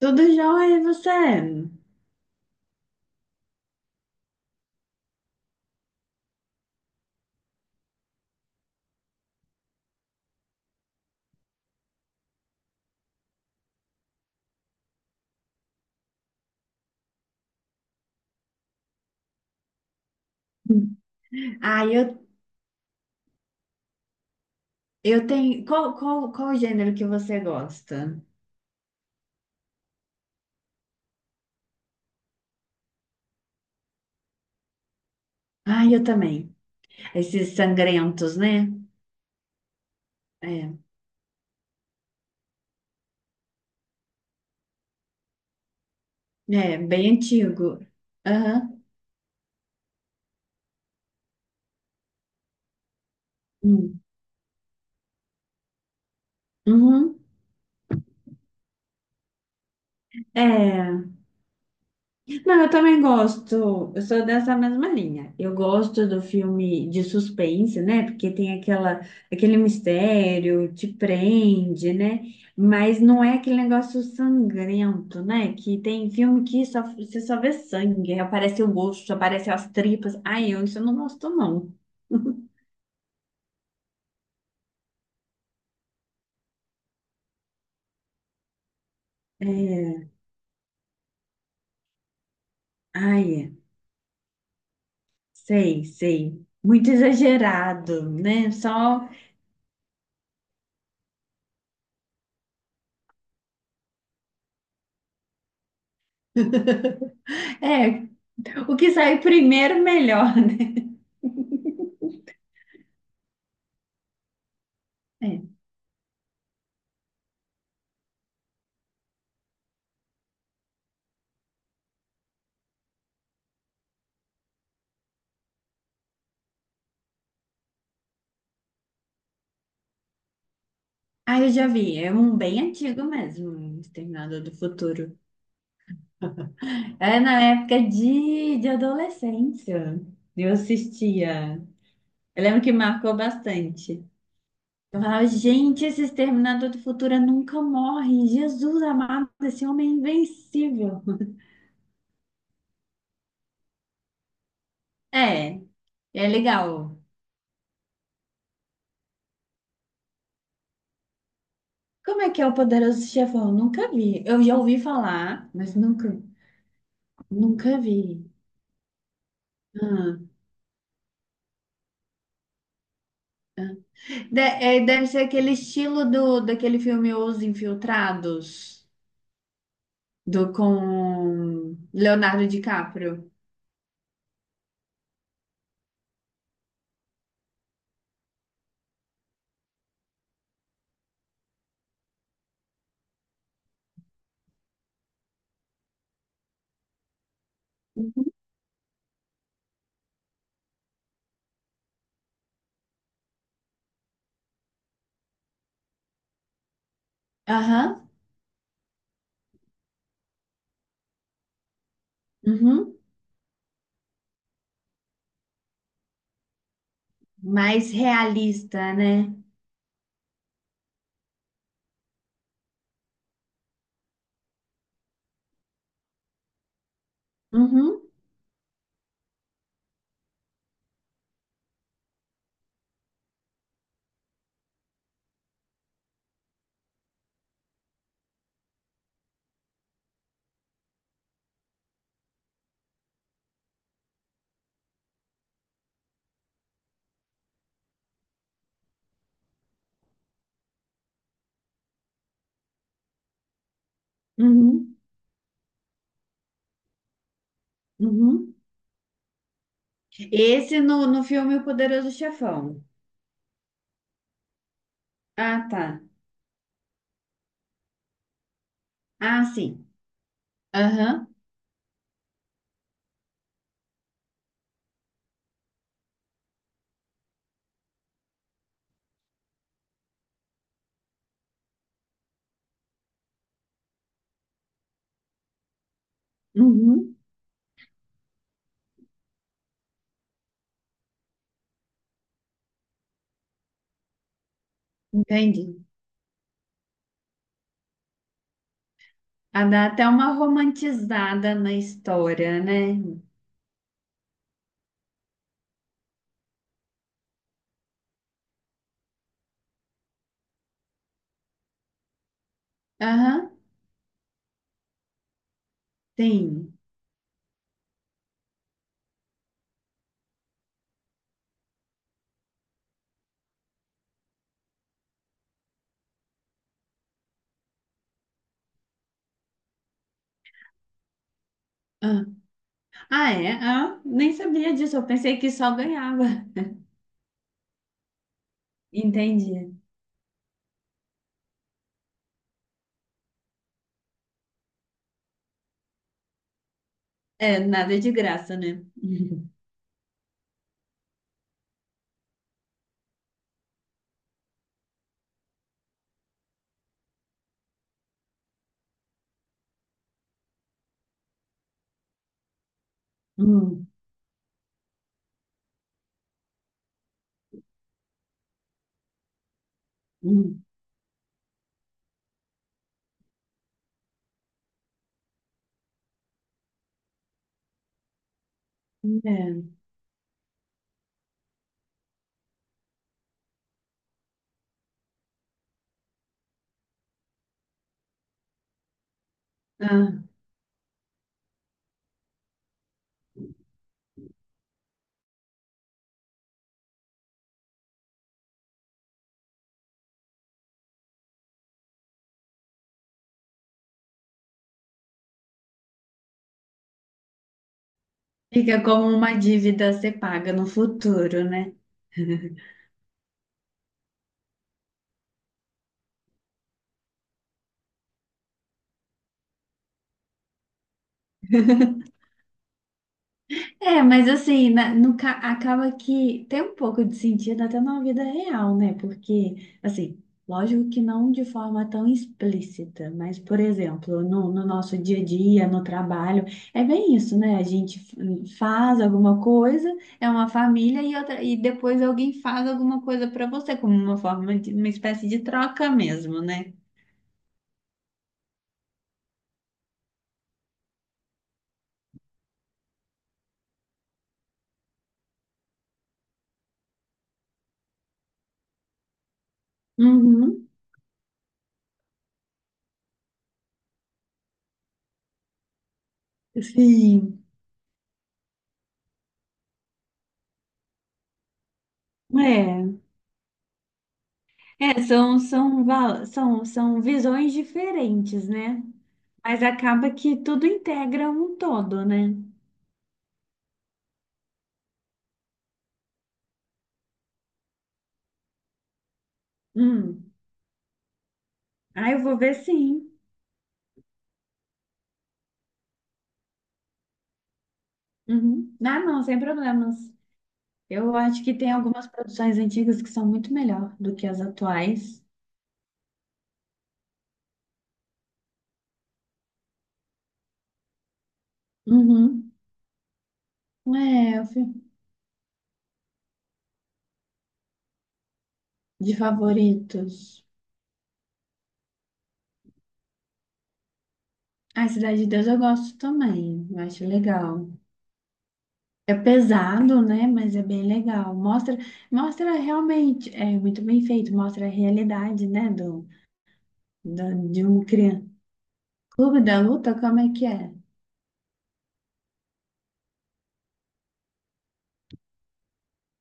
Tudo jóia, e você? Ah, eu, eu tenho. Qual o gênero que você gosta? Ah, eu também. Esses sangrentos, né? É, é bem antigo. Aham. Hum. Uhum. É. Não, eu também gosto. Eu sou dessa mesma linha. Eu gosto do filme de suspense, né? Porque tem aquele mistério, te prende, né? Mas não é aquele negócio sangrento, né? Que tem filme que só, você só vê sangue, aí aparece o rosto, aparece as tripas. Ai, eu isso eu não gosto, não. É, ai, é. Sei, sei. Muito exagerado, né? Só, é, o que sair primeiro, melhor, né? É. Ah, eu já vi. É um bem antigo mesmo, o Exterminador do Futuro. É na época de adolescência. Eu assistia. Eu lembro que marcou bastante. Eu falava, gente, esse Exterminador do Futuro nunca morre. Jesus amado, esse homem é invencível. É, é legal. Como é que é o Poderoso Chefão? Nunca vi. Eu já ouvi falar, mas nunca, nunca vi. Ah. É, deve ser aquele estilo do, daquele filme Os Infiltrados, do com Leonardo DiCaprio. Aham, uhum. Mais realista, né? Uhum, uhum, uhum. Esse no, no filme O Poderoso Chefão. Ah, tá. Ah, sim. Aham, uhum. Entendi. Ah, dá até uma romantizada na história, né? Aham, sim. Ah, é? Ah, nem sabia disso. Eu pensei que só ganhava. Entendi. É, nada é de graça, né? Hum, hum. É. Ah, fica como uma dívida a ser paga no futuro, né? É, mas assim, na- no, ca- acaba que tem um pouco de sentido até na vida real, né? Porque, assim, lógico que não de forma tão explícita, mas, por exemplo, no, no nosso dia a dia, no trabalho, é bem isso, né? A gente faz alguma coisa, é uma família, e, outra, e depois alguém faz alguma coisa para você, como uma forma de uma espécie de troca mesmo, né? Uhum, sim. É, são visões diferentes, né? Mas acaba que tudo integra um todo, né? Hum. Ah, eu vou ver sim. Uhum. Ah, não, sem problemas. Eu acho que tem algumas produções antigas que são muito melhor do que as atuais. Uhum. É, eu fi- de favoritos. A Cidade de Deus eu gosto também, eu acho legal. É pesado, né? Mas é bem legal. Mostra, mostra realmente, é muito bem feito, mostra a realidade, né? De um criança. Clube da Luta, como é que é?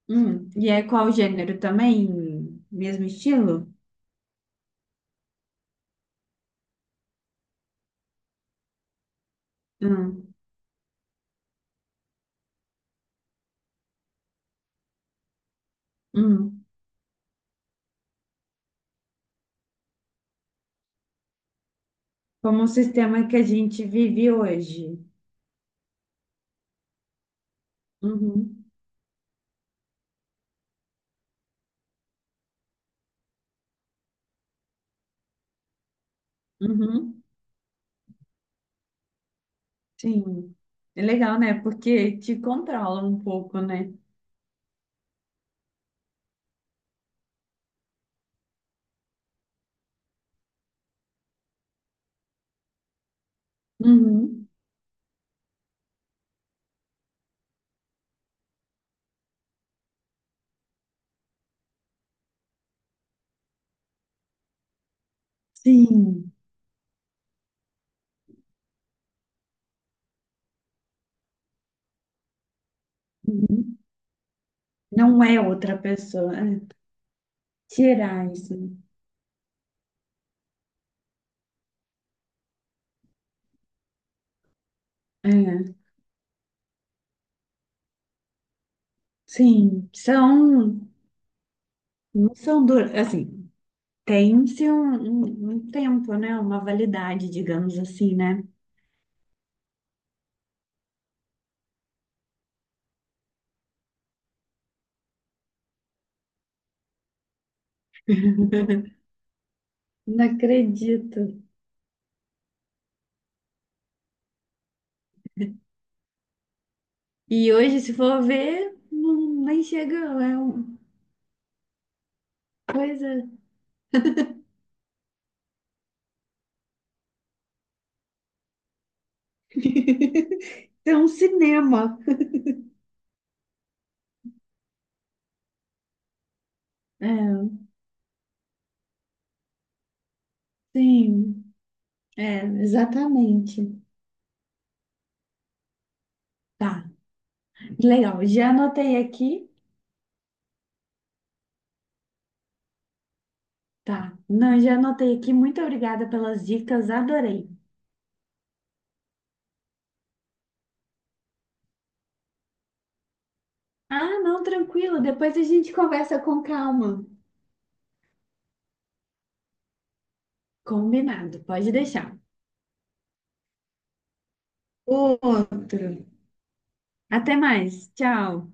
E é qual gênero também? Mesmo estilo? Hum, hum. Como o sistema que a gente vive hoje. Uhum, uhum, sim. É legal, né? Porque te controla um pouco, né? Uhum, sim. Uhum. Não é outra pessoa. É. Tirar isso. É, sim. São, não são duras. Assim, tem-se um tempo, né? Uma validade, digamos assim, né? Não acredito. E hoje, se for ver, não, nem chega, é uma coisa. É um cinema. É, sim, é, exatamente. Tá, legal. Já anotei aqui. Tá, não, já anotei aqui. Muito obrigada pelas dicas, adorei. Ah, não, tranquilo. Depois a gente conversa com calma. Combinado, pode deixar. Outro. Até mais, tchau.